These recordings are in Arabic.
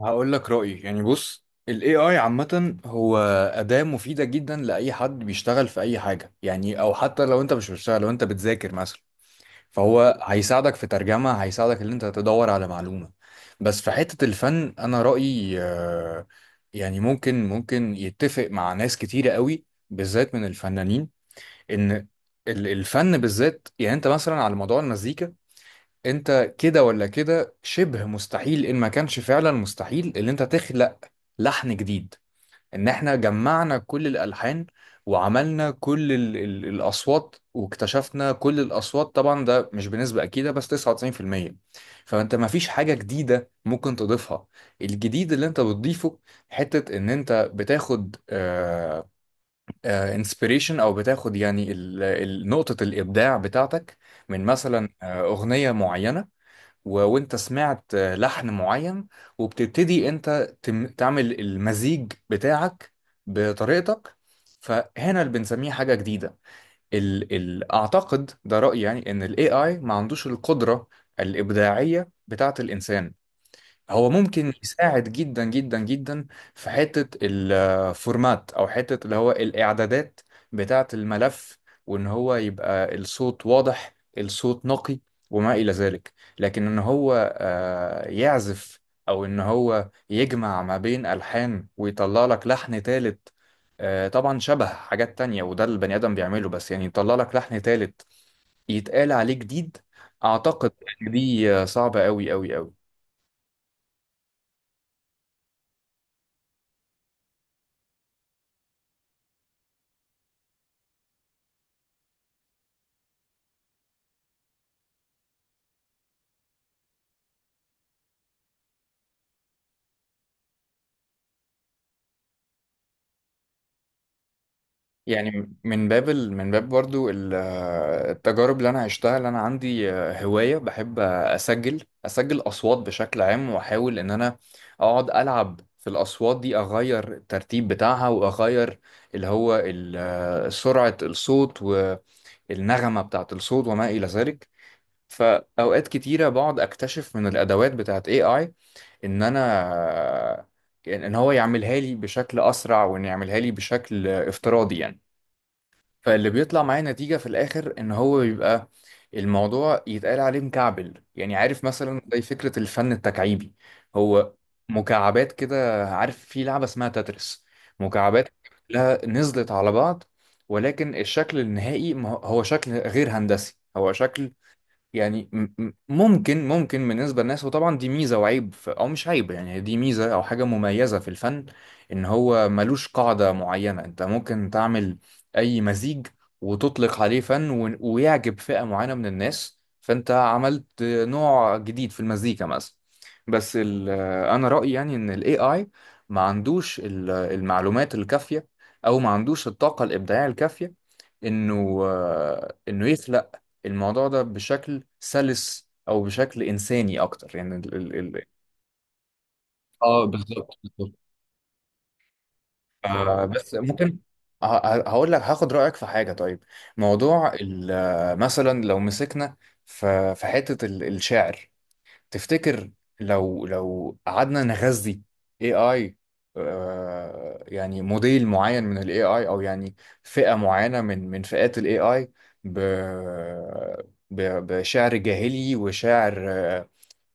هقول لك رأيي، يعني بص، ال AI عامة هو أداة مفيدة جدا لأي حد بيشتغل في أي حاجة، يعني أو حتى لو أنت مش بتشتغل، لو أنت بتذاكر مثلا فهو هيساعدك في ترجمة، هيساعدك إن أنت تدور على معلومة. بس في حتة الفن أنا رأيي، يعني ممكن يتفق مع ناس كتيرة قوي بالذات من الفنانين، إن الفن بالذات، يعني أنت مثلا على موضوع المزيكا، انت كده ولا كده شبه مستحيل، ان ما كانش فعلا مستحيل ان انت تخلق لحن جديد، ان احنا جمعنا كل الالحان وعملنا كل ال الاصوات واكتشفنا كل الاصوات، طبعا ده مش بنسبة اكيدة بس 99%. فانت ما فيش حاجة جديدة ممكن تضيفها. الجديد اللي انت بتضيفه حتة ان انت بتاخد inspiration، او بتاخد يعني نقطة الابداع بتاعتك من مثلا اغنية معينة، وانت سمعت لحن معين، وبتبتدي انت تعمل المزيج بتاعك بطريقتك. فهنا اللي بنسميه حاجة جديدة. اعتقد ده رأيي، يعني ان الاي اي ما عندوش القدرة الإبداعية بتاعة الإنسان. هو ممكن يساعد جدا جدا جدا في حتة الفورمات او حتة اللي هو الاعدادات بتاعة الملف، وان هو يبقى الصوت واضح، الصوت نقي، وما الى ذلك. لكن ان هو يعزف او ان هو يجمع ما بين الحان ويطلع لك لحن تالت، طبعا شبه حاجات تانية وده البني ادم بيعمله، بس يعني يطلع لك لحن تالت يتقال عليه جديد، اعتقد إن دي صعبة قوي قوي قوي. يعني من باب برضو التجارب اللي انا عشتها، اللي انا عندي هواية بحب اسجل اصوات بشكل عام، واحاول ان انا اقعد العب في الاصوات دي، اغير الترتيب بتاعها واغير اللي هو سرعة الصوت والنغمة بتاعة الصوت وما الى ذلك. فاوقات كتيرة بقعد اكتشف من الادوات بتاعة AI ان انا آه، ان هو يعملها لي بشكل اسرع، وان يعملها لي بشكل افتراضي يعني. فاللي بيطلع معايا نتيجة في الآخر إن هو بيبقى الموضوع يتقال عليه مكعبل، يعني عارف مثلا زي فكرة الفن التكعيبي. هو مكعبات كده، عارف في لعبة اسمها تتريس، مكعبات كلها نزلت على بعض، ولكن الشكل النهائي ما هو شكل غير هندسي، هو شكل يعني ممكن بالنسبة للناس. وطبعا دي ميزة وعيب، أو مش عيب، يعني دي ميزة أو حاجة مميزة في الفن إن هو ملوش قاعدة معينة. أنت ممكن تعمل أي مزيج وتطلق عليه فن، ويعجب فئة معينة من الناس، فأنت عملت نوع جديد في المزيكا مثلا. بس أنا رأيي يعني إن ال AI ما عندوش المعلومات الكافية، أو ما عندوش الطاقة الإبداعية الكافية، إنه يخلق الموضوع ده بشكل سلس او بشكل انساني اكتر، يعني ال ال ال اه آه بس ممكن. هقول لك، هاخد رأيك في حاجة طيب. موضوع مثلا لو مسكنا في حتة الشعر، تفتكر لو قعدنا نغذي AI، يعني موديل معين من ال AI، او يعني فئة معينة من فئات ال AI ب ب- بشعر جاهلي وشعر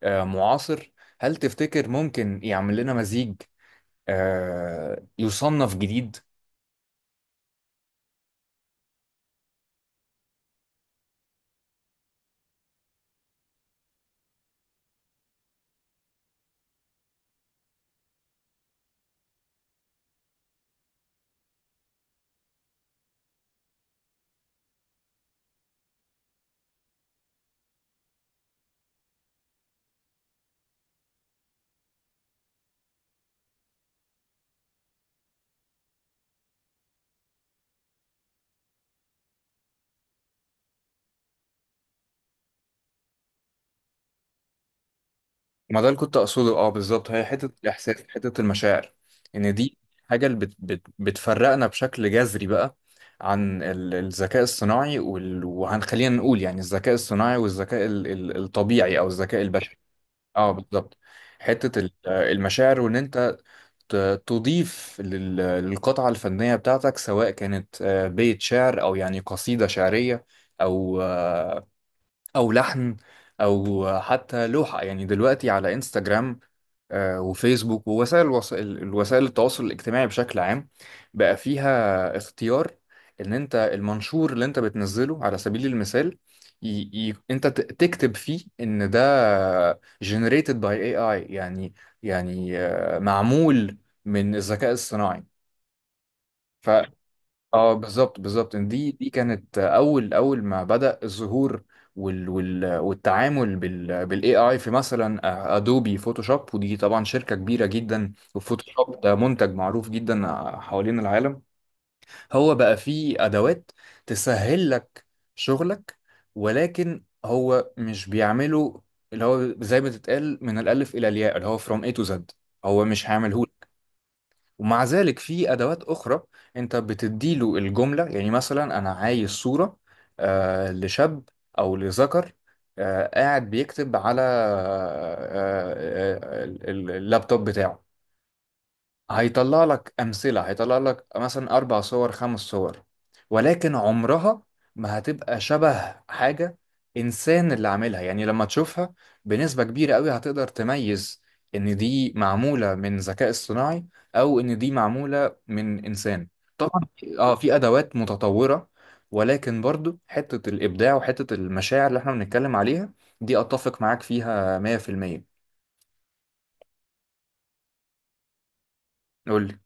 معاصر، هل تفتكر ممكن يعمل لنا مزيج يصنف جديد؟ ما ده اللي كنت اقصده، اه بالظبط، هي حته الاحساس، حته المشاعر، ان دي حاجه اللي بت بت بتفرقنا بشكل جذري بقى عن الذكاء الصناعي، وهنخلينا نقول يعني الذكاء الصناعي والذكاء الطبيعي او الذكاء البشري. اه بالظبط، حته المشاعر وان انت تضيف للقطعة الفنية بتاعتك، سواء كانت بيت شعر، أو يعني قصيدة شعرية، أو او لحن، او حتى لوحة. يعني دلوقتي على انستجرام وفيسبوك ووسائل الوسائل التواصل الاجتماعي بشكل عام، بقى فيها اختيار ان انت المنشور اللي انت بتنزله على سبيل المثال ي... انت تكتب فيه ان ده generated by AI، يعني معمول من الذكاء الصناعي. اه بالظبط بالظبط، دي كانت اول ما بدأ الظهور والتعامل بالاي اي في مثلا ادوبي فوتوشوب، ودي طبعا شركة كبيرة جدا، وفوتوشوب ده منتج معروف جدا حوالين العالم. هو بقى فيه ادوات تسهل لك شغلك، ولكن هو مش بيعمله اللي هو زي ما تتقال من الالف الى الياء، اللي هو فروم اي تو زد، هو مش هيعمله. ومع ذلك في ادوات اخرى انت بتديله الجمله، يعني مثلا انا عايز صوره لشاب او لذكر، قاعد بيكتب على اللابتوب بتاعه، هيطلع لك أمثلة، هيطلع لك مثلا أربع صور، خمس صور، ولكن عمرها ما هتبقى شبه حاجة إنسان اللي عاملها. يعني لما تشوفها بنسبة كبيرة قوي هتقدر تميز إن دي معمولة من ذكاء اصطناعي، أو إن دي معمولة من إنسان. طبعا في أدوات متطورة، ولكن برضو حتة الإبداع وحتة المشاعر اللي إحنا بنتكلم عليها، دي أتفق معاك فيها 100%. قول لي،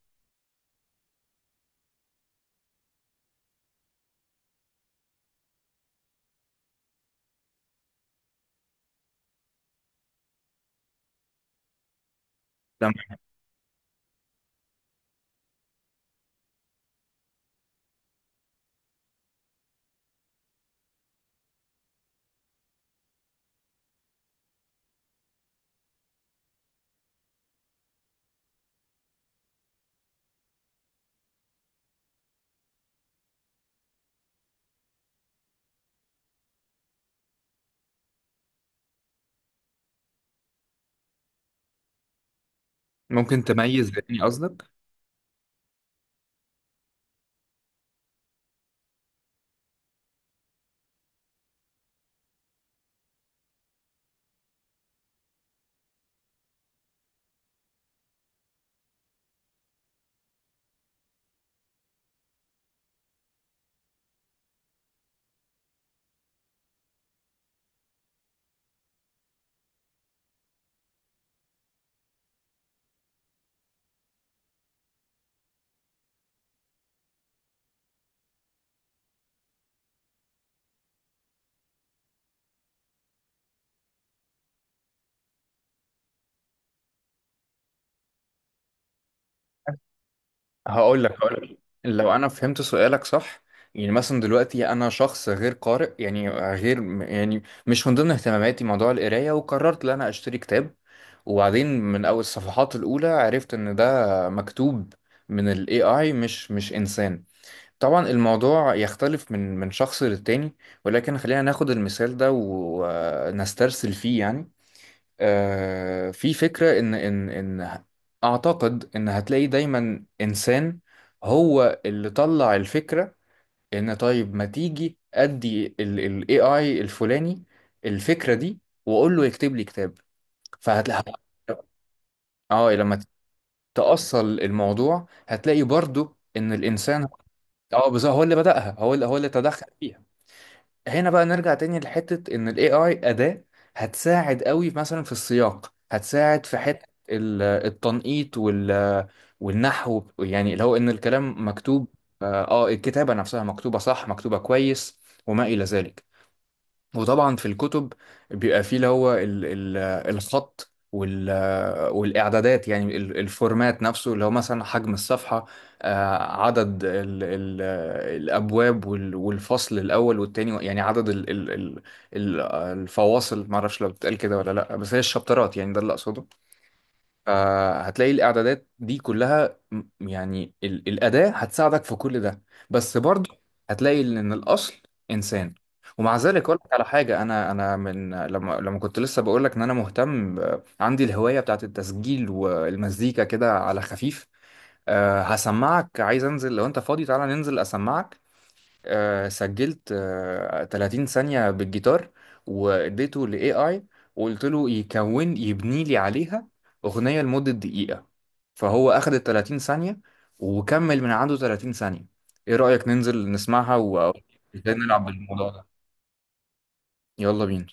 ممكن تميز يعني قصدك؟ هقول لك لو انا فهمت سؤالك صح. يعني مثلا دلوقتي انا شخص غير قارئ، يعني غير، يعني مش من ضمن اهتماماتي موضوع القرايه، وقررت ان انا اشتري كتاب، وبعدين من اول الصفحات الاولى عرفت ان ده مكتوب من الاي اي، مش انسان. طبعا الموضوع يختلف من شخص للتاني، ولكن خلينا ناخد المثال ده ونسترسل فيه يعني. في فكرة إن أعتقد إن هتلاقي دايما إنسان هو اللي طلع الفكرة. إن طيب، ما تيجي أدي ال AI الفلاني الفكرة دي، وأقول له يكتب لي كتاب، فهتلاقي اه لما تأصل الموضوع هتلاقي برضو إن الإنسان، اه بالظبط، هو اللي بدأها، هو اللي تدخل فيها. هنا بقى نرجع تاني لحتة إن ال AI أداة، هتساعد قوي مثلا في السياق، هتساعد في حتة التنقيط والنحو، يعني اللي هو إن الكلام مكتوب، الكتابة نفسها مكتوبة صح، مكتوبة كويس وما إلى ذلك. وطبعا في الكتب بيبقى فيه اللي هو ال ال الخط والإعدادات، يعني الفورمات نفسه، اللي هو مثلا حجم الصفحة، عدد ال ال الأبواب والفصل الأول والتاني، يعني عدد ال- الفواصل، معرفش لو بتتقال كده ولا لأ، بس هي الشابترات، يعني ده اللي أقصده. فهتلاقي الاعدادات دي كلها يعني الاداه هتساعدك في كل ده، بس برضه هتلاقي ان الاصل انسان. ومع ذلك اقول لك على حاجه، انا من لما كنت لسه بقول لك ان انا مهتم عندي الهوايه بتاعت التسجيل والمزيكا كده على خفيف. أه هسمعك، عايز انزل لو انت فاضي، تعالى ننزل اسمعك. سجلت 30 ثانية بالجيتار واديته ل AI، وقلت له يكون يبني لي عليها أغنية لمدة دقيقة. فهو أخد ال 30 ثانية وكمل من عنده 30 ثانية. إيه رأيك ننزل نسمعها؟ و ازاي نلعب بالموضوع ده؟ يلا بينا.